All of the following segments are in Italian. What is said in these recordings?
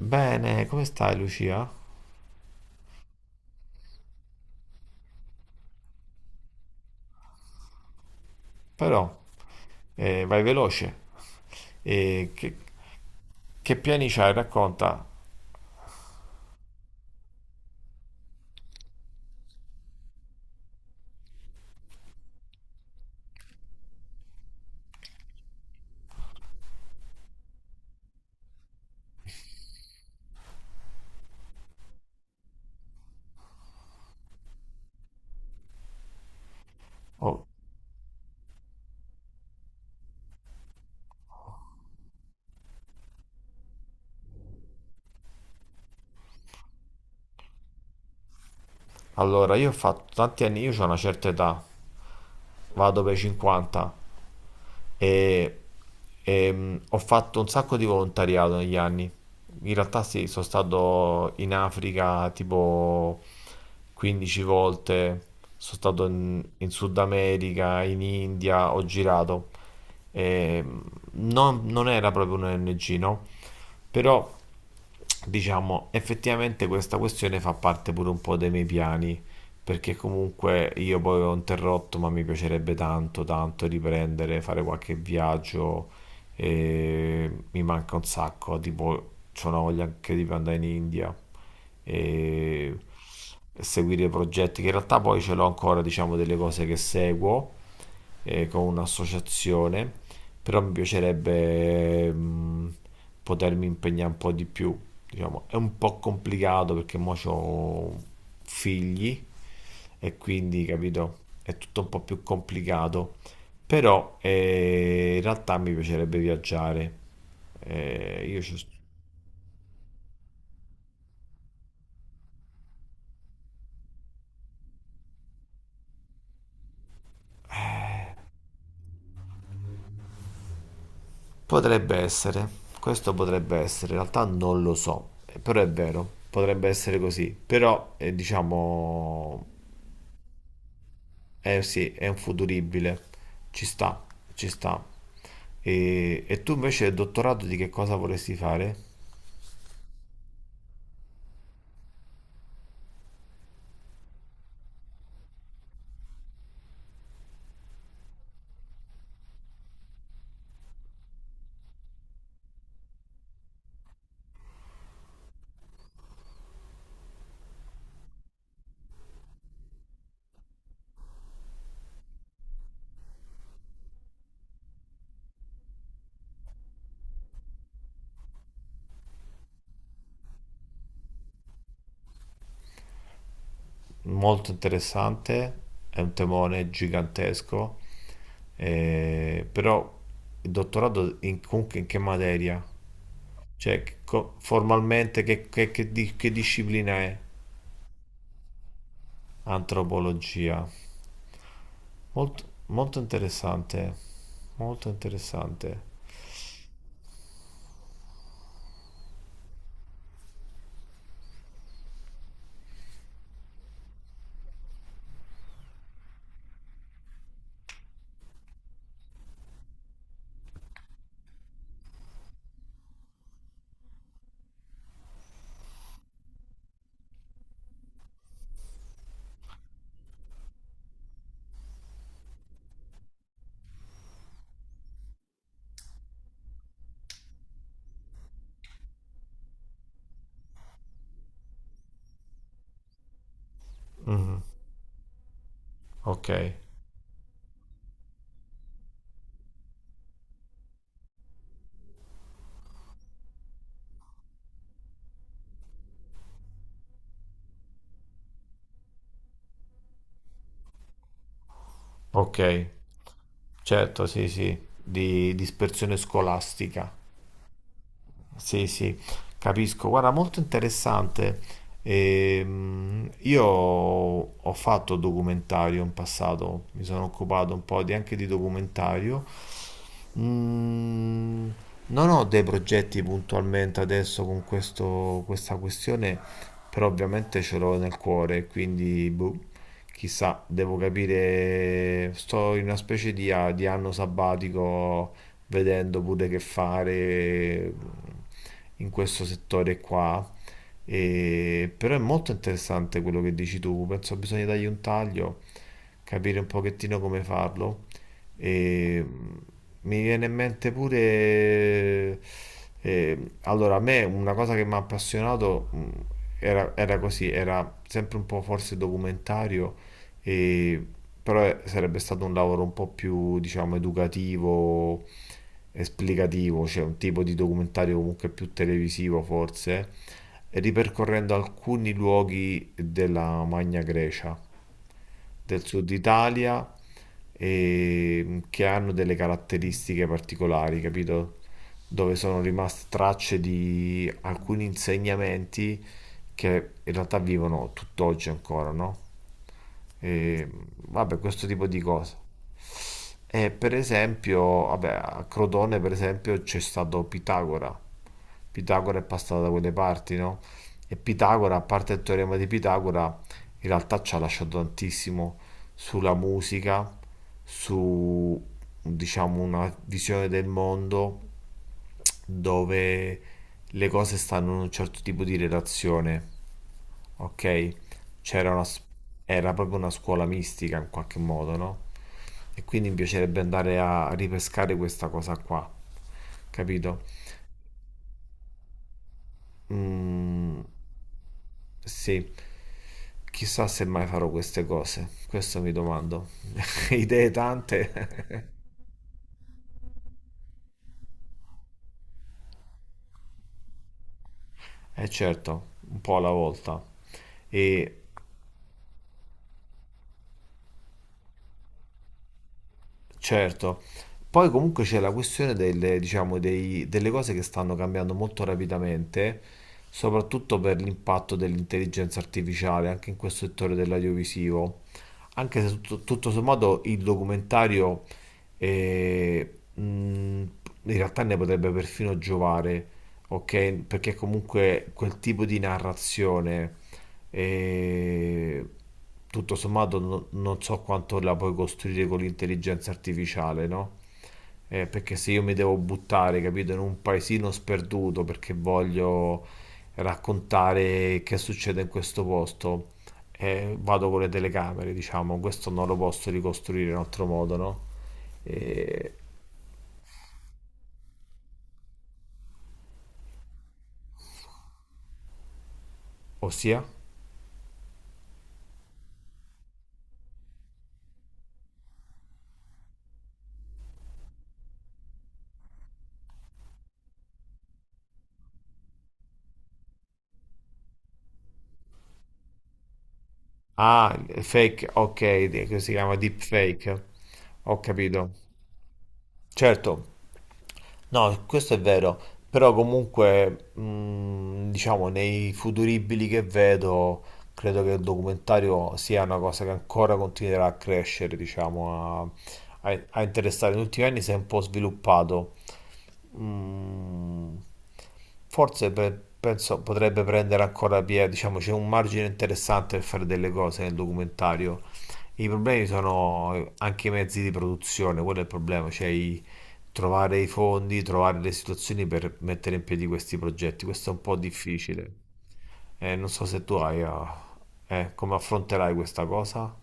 Bene, come stai Lucia? Però, vai veloce. E che, che piani c'hai? Racconta. Oh, allora, io ho fatto tanti anni, io ho una certa età, vado per i 50 e, ho fatto un sacco di volontariato negli anni. In realtà sì, sono stato in Africa tipo 15 volte, sono stato in Sud America, in India, ho girato. E, mh, non era proprio un ONG, no? Però diciamo effettivamente questa questione fa parte pure un po' dei miei piani, perché comunque io poi ho interrotto, ma mi piacerebbe tanto, tanto riprendere, fare qualche viaggio e mi manca un sacco, tipo c'ho una voglia anche di andare in India e seguire progetti che in realtà poi ce l'ho ancora, diciamo, delle cose che seguo con un'associazione, però mi piacerebbe potermi impegnare un po' di più, diciamo, è un po' complicato perché mo c'ho figli e quindi, capito, è tutto un po' più complicato. Però in realtà mi piacerebbe viaggiare. Eh, io ci- Potrebbe essere, questo potrebbe essere, in realtà non lo so, però è vero, potrebbe essere così. Però diciamo, eh sì, è un futuribile, ci sta, ci sta. E tu invece il dottorato di che cosa vorresti fare? Molto interessante, è un temone gigantesco, però il comunque in che materia? Cioè, formalmente che disciplina è? Antropologia. Molto, molto interessante, molto interessante. Mhm. Ok, ok, certo, sì, sì, di dispersione scolastica. Sì, sì, capisco. Guarda, molto interessante. Io ho fatto documentario in passato, mi sono occupato anche di documentario. Mm, non ho dei progetti puntualmente adesso con questa questione, però ovviamente ce l'ho nel cuore, quindi boh, chissà, devo capire, sto in una specie di, di anno sabbatico vedendo pure che fare in questo settore qua. Però è molto interessante quello che dici tu, penso bisogna dargli un taglio, capire un pochettino come farlo. E mm, mi viene in mente pure... eh, allora, a me una cosa che mi ha appassionato era così, era sempre un po' forse documentario, e- però sarebbe stato un lavoro un po' più, diciamo, educativo, esplicativo, cioè un tipo di documentario comunque più televisivo forse, ripercorrendo alcuni luoghi della Magna Grecia del sud Italia, e che hanno delle caratteristiche particolari, capito? Dove sono rimaste tracce di alcuni insegnamenti che in realtà vivono tutt'oggi ancora, no? E vabbè, questo tipo di cose. E per esempio, vabbè, a Crotone per esempio c'è stato Pitagora. Pitagora è passato da quelle parti, no? E Pitagora, a parte il teorema di Pitagora, in realtà ci ha lasciato tantissimo sulla musica, su, diciamo, una visione del mondo dove le cose stanno in un certo tipo di relazione. Ok, c'era una, s- era proprio una scuola mistica in qualche modo, no? E quindi mi piacerebbe andare a ripescare questa cosa qua, capito? Mm, sì, chissà se mai farò queste cose, questo mi domando. Idee tante, eh certo, un po' alla volta. E certo, poi comunque c'è la questione delle, diciamo, delle cose che stanno cambiando molto rapidamente, soprattutto per l'impatto dell'intelligenza artificiale anche in questo settore dell'audiovisivo. Anche se tutto sommato il documentario in realtà ne potrebbe perfino giovare, ok? Perché comunque quel tipo di narrazione e tutto sommato non so quanto la puoi costruire con l'intelligenza artificiale, no? Perché se io mi devo buttare, capito, in un paesino sperduto perché voglio raccontare che succede in questo posto, vado con le telecamere, diciamo, questo non lo posso ricostruire in altro modo, no? Eh, ossia? Ah, il fake, ok, che si chiama deepfake, ho capito. Certo. No, questo è vero, però comunque, diciamo, nei futuribili che vedo, credo che il documentario sia una cosa che ancora continuerà a crescere, diciamo, a, a interessare. Negli ultimi anni si è un po' sviluppato. Mm, forse pe- penso potrebbe prendere ancora piede, diciamo, c'è un margine interessante per fare delle cose nel documentario. I problemi sono anche i mezzi di produzione, quello è il problema, trovare i fondi, trovare le situazioni per mettere in piedi questi progetti. Questo è un po' difficile. Non so se tu hai, come affronterai questa cosa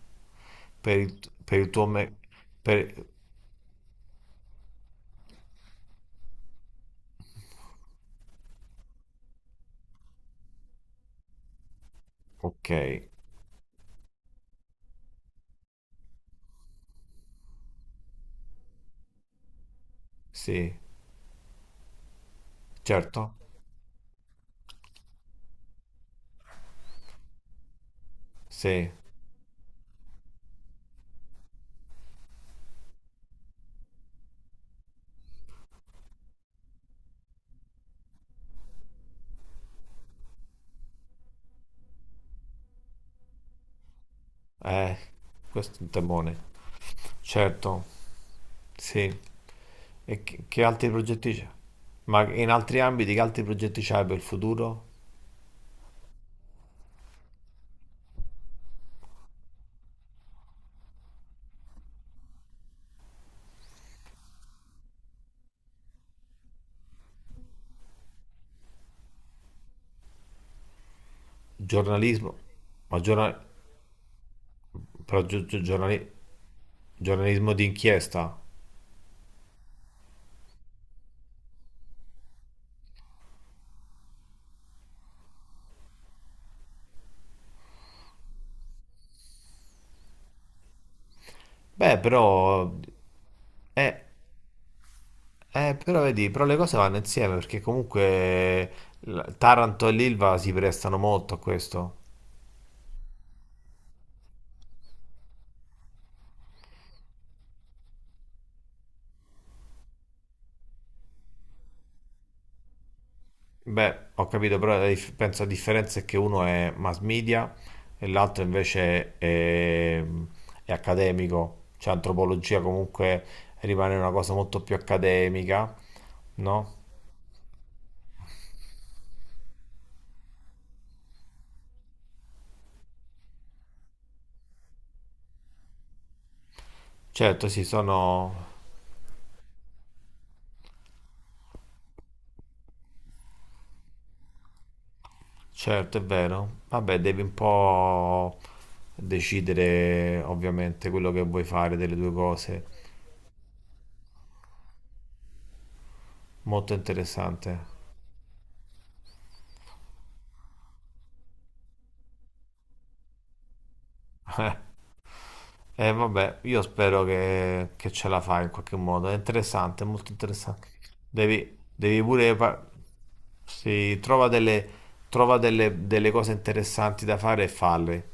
per il, per il per- Ok, sì, certo, sì, eh, questo è un temone, certo, sì. Che altri progetti c'è? Ma in altri ambiti che altri progetti c'hai per il futuro? Giornalismo? Ma giorna- però giornalismo di inchiesta? Beh, però... Eh, però vedi, però le cose vanno insieme perché comunque Taranto e l'Ilva si prestano molto a questo. Beh, ho capito, però penso la differenza è che uno è mass media e l'altro invece è accademico, cioè antropologia comunque rimane una cosa molto più accademica, no? Certo, sì, sono... Certo, è vero. Vabbè, devi un po' decidere ovviamente quello che vuoi fare delle due cose. Molto interessante. E vabbè, io spero che ce la fai in qualche modo. È interessante, è molto interessante. Devi pure... sì, trova delle, delle cose interessanti da fare e falle.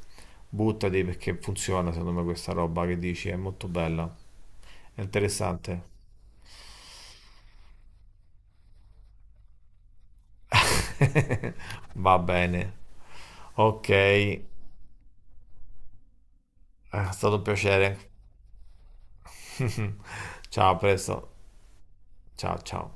Buttati perché funziona, secondo me, questa roba che dici. È molto bella. È interessante. Va bene. Ok, è stato un piacere. Ciao, a presto. Ciao, ciao.